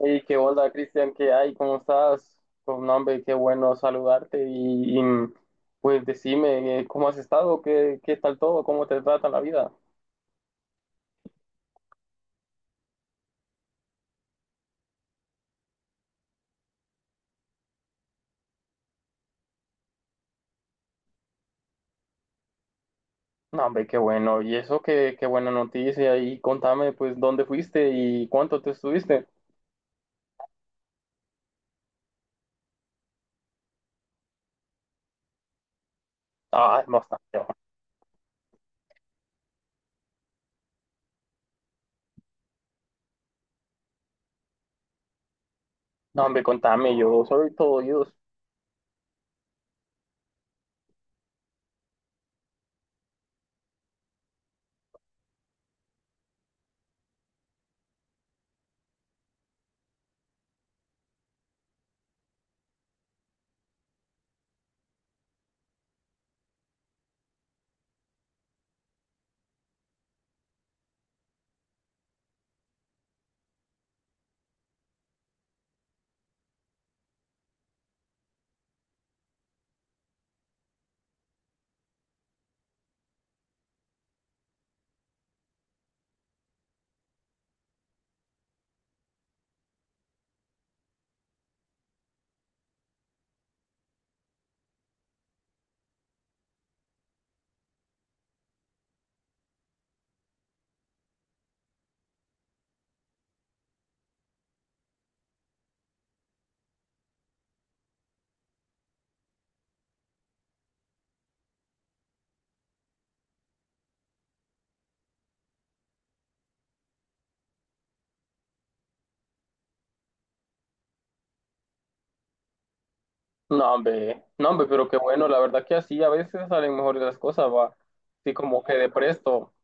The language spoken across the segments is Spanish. Hey, qué onda, Cristian, ¿qué hay? ¿Cómo estás? Pues, no, hombre, qué bueno saludarte y pues decime, ¿cómo has estado? ¿Qué tal todo? ¿Cómo te trata la vida? No, hombre, qué bueno. Y eso, qué buena noticia. Y contame, pues, ¿dónde fuiste y cuánto te estuviste? Ah, bastante. No, hombre, contame, yo soy todo oídos. No, hombre, no, hombre, pero qué bueno, la verdad que así a veces salen mejores las cosas, va. Sí, como que de presto,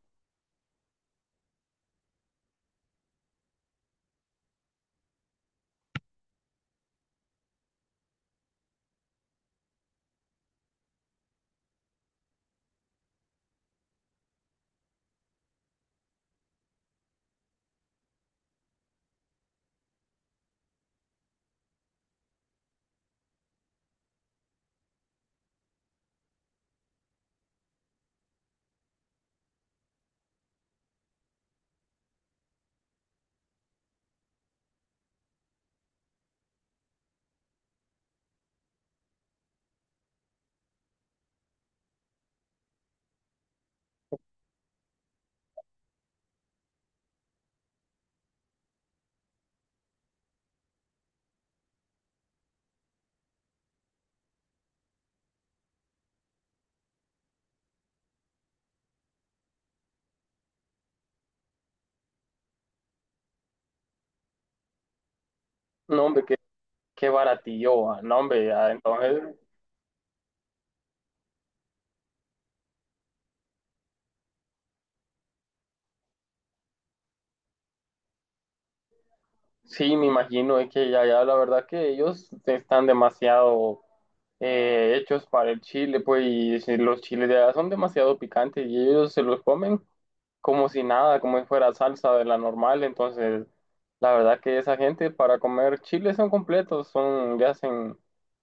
no, hombre, qué, qué baratillo, va. No, hombre, ya, entonces, sí, me imagino, es que ya, ya, la verdad que ellos están demasiado hechos para el chile, pues, y si los chiles de allá son demasiado picantes y ellos se los comen como si nada, como si fuera salsa de la normal. Entonces, la verdad que esa gente para comer chile son completos, son, le hacen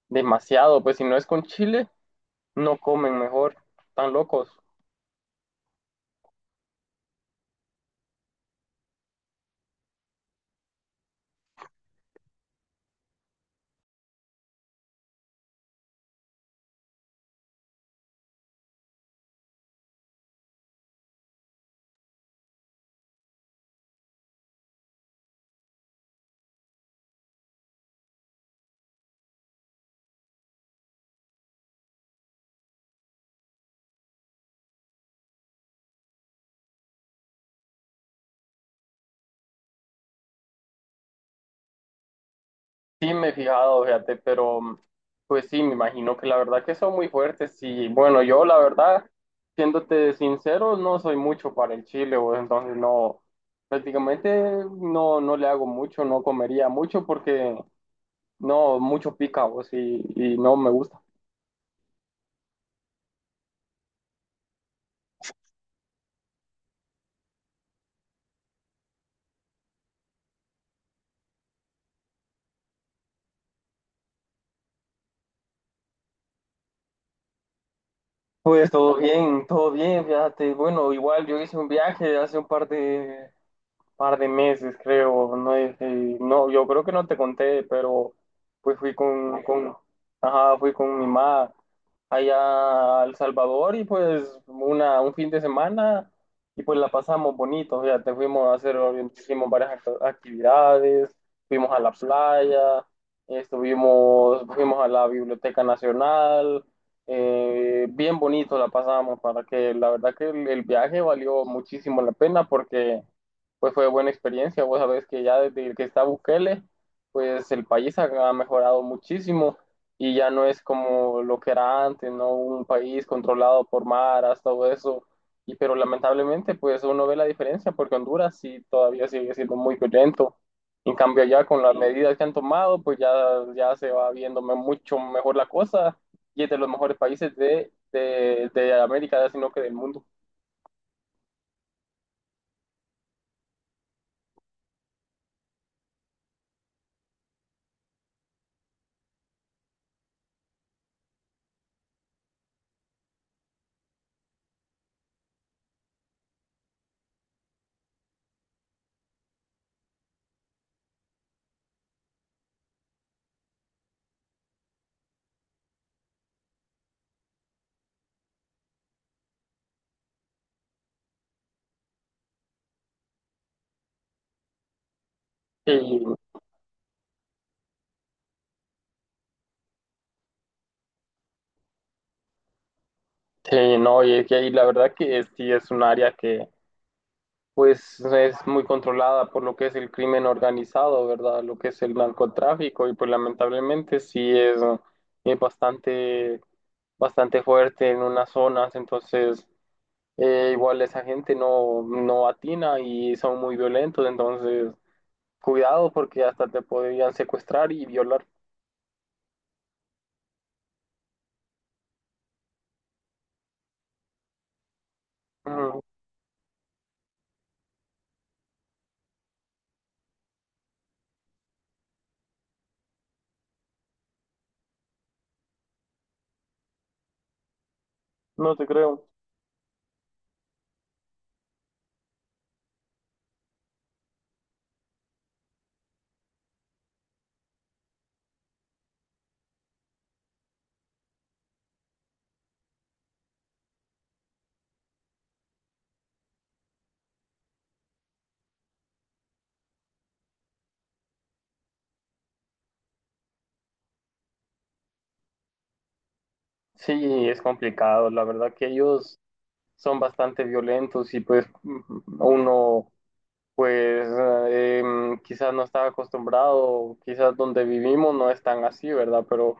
demasiado, pues si no es con chile, no comen mejor, tan locos. Sí me he fijado, fíjate, pero pues sí, me imagino que la verdad que son muy fuertes y bueno, yo la verdad, siéndote sincero, no soy mucho para el chile, pues, entonces no, prácticamente no le hago mucho, no comería mucho porque... No, mucho pica vos y no me gusta. Pues todo bien, fíjate. Bueno, igual yo hice un viaje hace par de meses, creo, no. No, yo creo que no te conté, pero pues ajá, fui con mi mamá allá a El Salvador y pues un fin de semana y pues la pasamos bonito, ya te fuimos a hacer, hicimos varias actividades, fuimos a la playa, estuvimos, fuimos a la Biblioteca Nacional. Bien bonito la pasamos para que la verdad que el viaje valió muchísimo la pena porque pues fue buena experiencia. Vos sabés que ya desde que está Bukele, pues el país ha, ha mejorado muchísimo y ya no es como lo que era antes, ¿no? Un país controlado por maras, todo eso. Y pero lamentablemente, pues uno ve la diferencia porque Honduras sí todavía sigue siendo muy violento. En cambio, ya con las medidas que han tomado, pues ya, ya se va viendo mucho mejor la cosa y es de los mejores países de América, sino que del mundo. Y sí, no, y es que ahí la verdad que sí es un área que pues es muy controlada por lo que es el crimen organizado, ¿verdad? Lo que es el narcotráfico y pues lamentablemente sí es bastante, bastante fuerte en unas zonas, entonces igual esa gente no, no atina y son muy violentos, entonces cuidado porque hasta te podrían secuestrar y violar. Mm. No te creo. Sí, es complicado, la verdad que ellos... son bastante violentos y pues mm, uno pues eh, quizás no estaba acostumbrado, quizás donde vivimos no es tan así, ¿verdad? Pero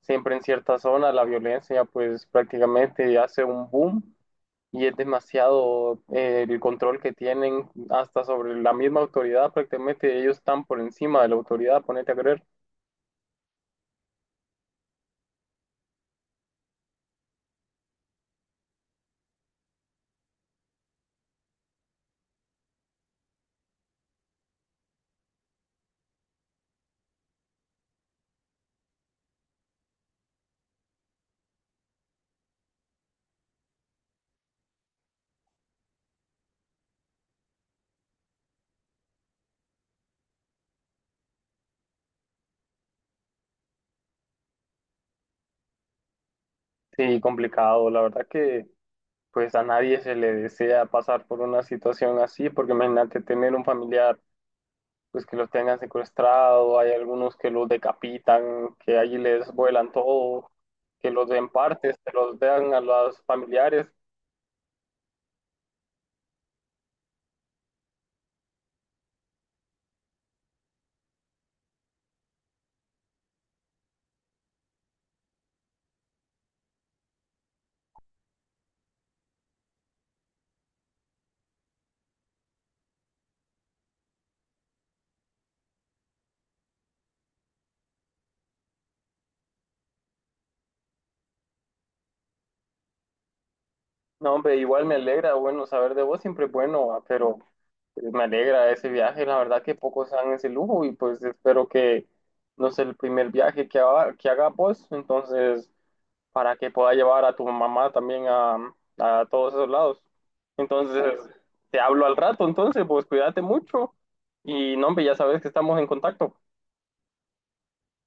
siempre en ciertas zonas la violencia pues prácticamente hace un boom y es demasiado, el control que tienen hasta sobre la misma autoridad, prácticamente ellos están por encima de la autoridad, ponete a creer. Sí, complicado, la verdad que pues a nadie se le desea pasar por una situación así, porque imagínate tener un familiar pues que los tengan secuestrado, hay algunos que los decapitan, que allí les vuelan todo, que los den partes, que los den a los familiares. No, hombre, igual me alegra, bueno, saber de vos siempre es bueno, va, pero pues, me alegra ese viaje, la verdad que pocos dan ese lujo y pues espero que no sea el primer viaje que haga vos, entonces para que pueda llevar a tu mamá también a todos esos lados. Entonces, te hablo al rato, entonces, pues cuídate mucho y no, hombre, ya sabes que estamos en contacto.